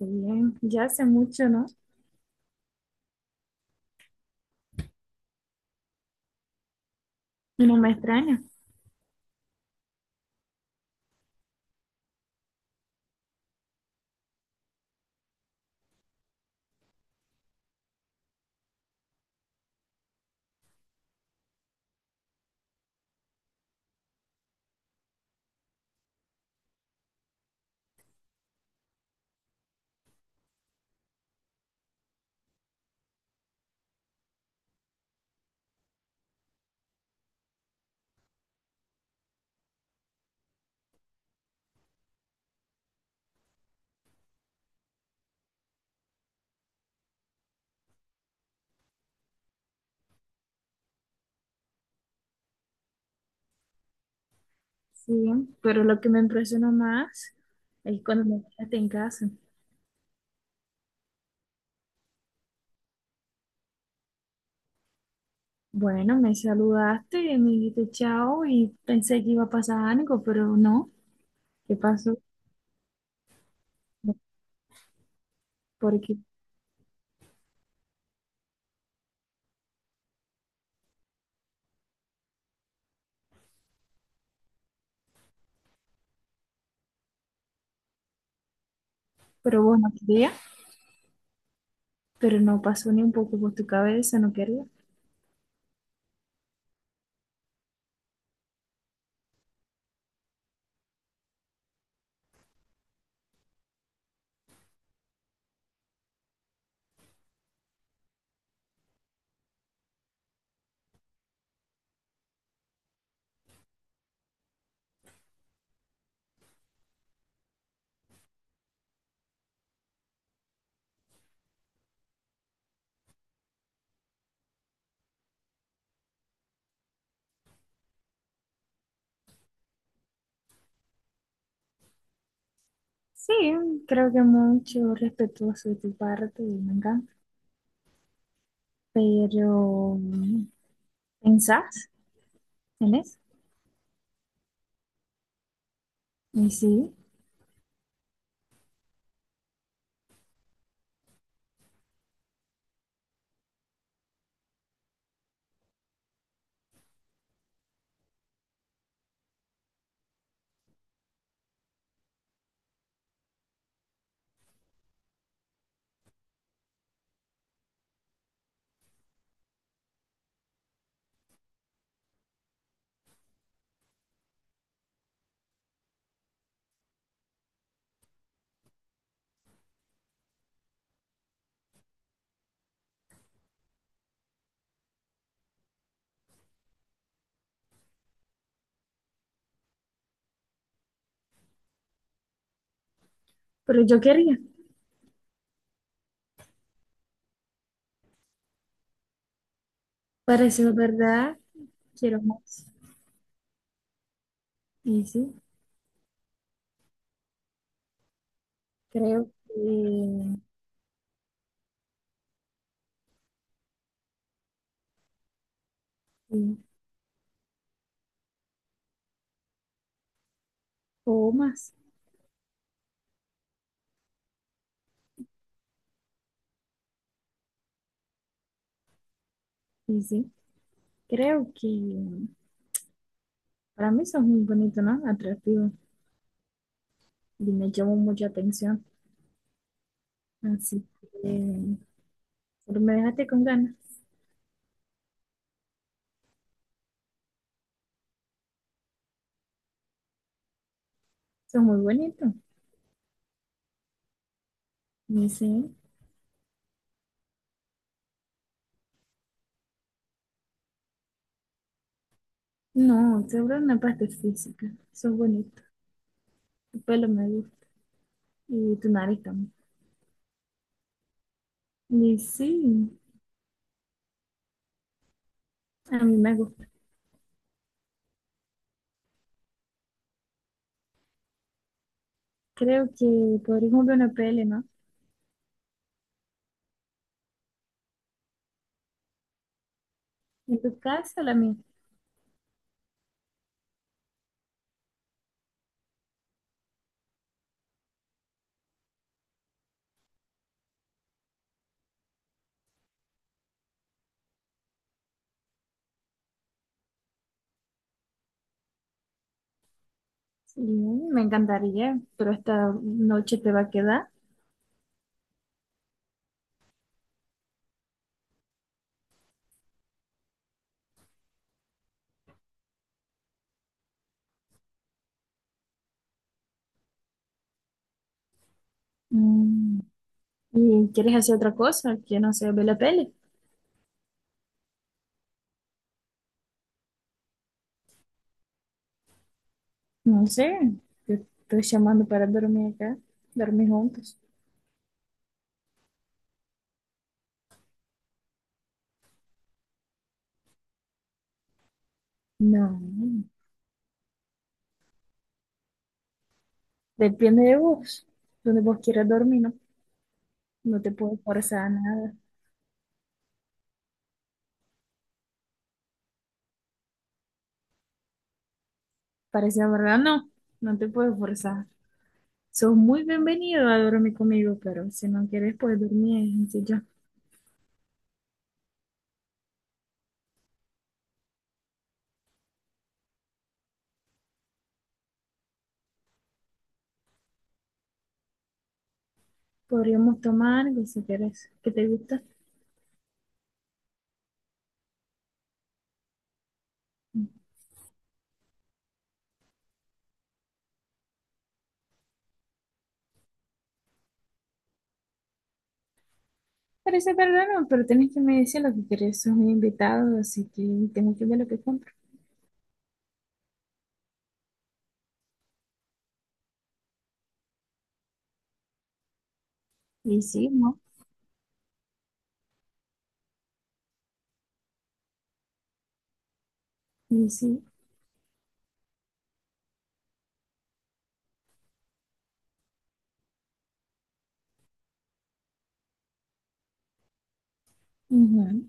Bien, ya hace mucho, ¿no? Y no me extraña. Sí, pero lo que me impresiona más es cuando me quedaste en casa. Bueno, me saludaste y me dijiste chao y pensé que iba a pasar algo, pero no. ¿Qué pasó? Porque, pero bueno, quería, pero no pasó ni un poco por tu cabeza, no quería. Sí, creo que mucho respetuoso de tu parte y me encanta. Pero, ¿pensás en eso? Y sí, pero yo quería. Pareció verdad. Quiero más. Y sí, creo que... Sí, o más. Y sí, creo que... Para mí son muy bonitos, ¿no? Atractivos. Y me llamó mucha atención. Así que... pero me dejaste con ganas. Son muy bonitos. Y sí. No, sobre una parte física. Son bonitos. Tu pelo me gusta. Y tu nariz también. Y sí, a mí me gusta. Creo que podríamos ver una peli, ¿no? ¿En tu casa o la mía? Sí, me encantaría, pero esta noche te va a quedar. Mm, ¿y quieres hacer otra cosa? Que no sé, ver la peli. No sé, te estoy llamando para dormir acá, dormir juntos. No, depende de vos, donde vos quieras dormir, ¿no? No te puedo forzar a nada. Parece la verdad, no, no te puedo forzar. Sos muy bienvenido a dormir conmigo, pero si no quieres, puedes dormir en el sillón. Podríamos tomar algo si quieres. ¿Qué te gusta? Parece raro, pero tenés que me decir lo que querés. Sos mi invitado, así que tengo que ver lo que compro. Y sí, ¿no? Y sí, ujú.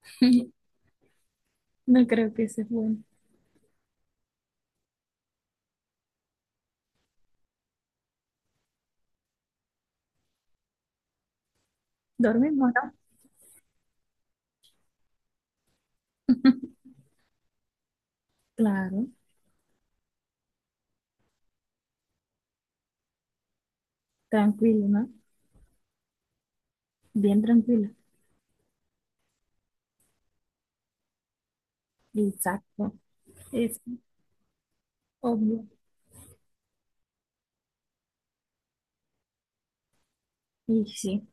No creo que sea bueno. Dormimos, ¿no? Claro, tranquilo, ¿no? Bien tranquilo. Exacto. Es obvio. Y sí,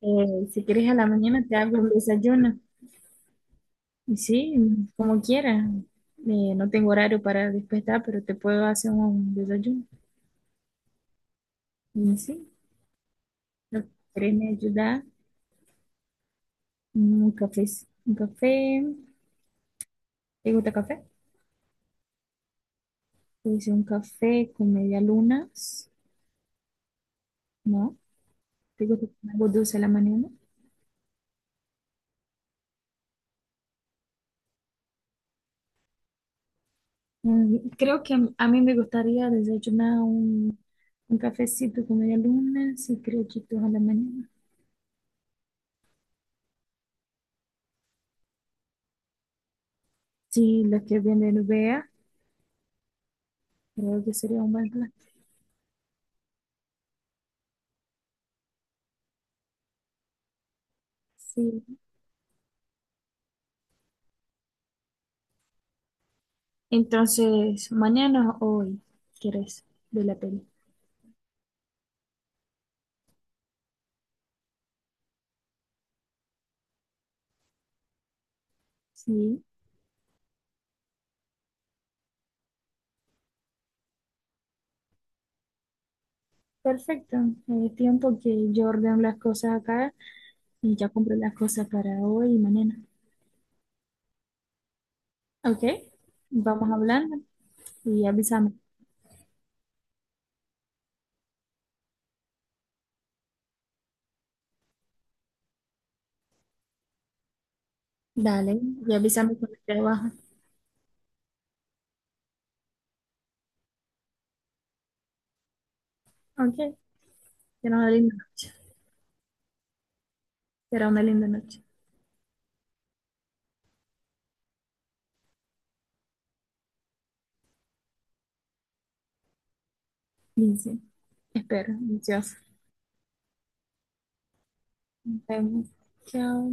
si quieres a la mañana te hago un desayuno. Y sí, como quieras. No tengo horario para despertar, pero te puedo hacer un desayuno. Y sí, lo que querés me ayudar. Mm, un café, un café. ¿Te gusta café? Pues un café con media lunas, ¿no? ¿Te gusta algo dulce a la mañana? Mm, creo que a mí me gustaría desayunar un cafecito con media luna y criollitos a la mañana. Sí, lo que viene en vea, creo que sería un buen plan. Sí. Entonces, mañana o hoy, ¿quieres de la peli? Sí, perfecto. Es tiempo que yo ordeno las cosas acá y ya compro las cosas para hoy y mañana. Ok, vamos hablando y avísame. Dale, y avísame cuando esté abajo. Ok, será una linda noche. Será una linda noche. Dice, espero, ansiosa. Nos vemos. Chao.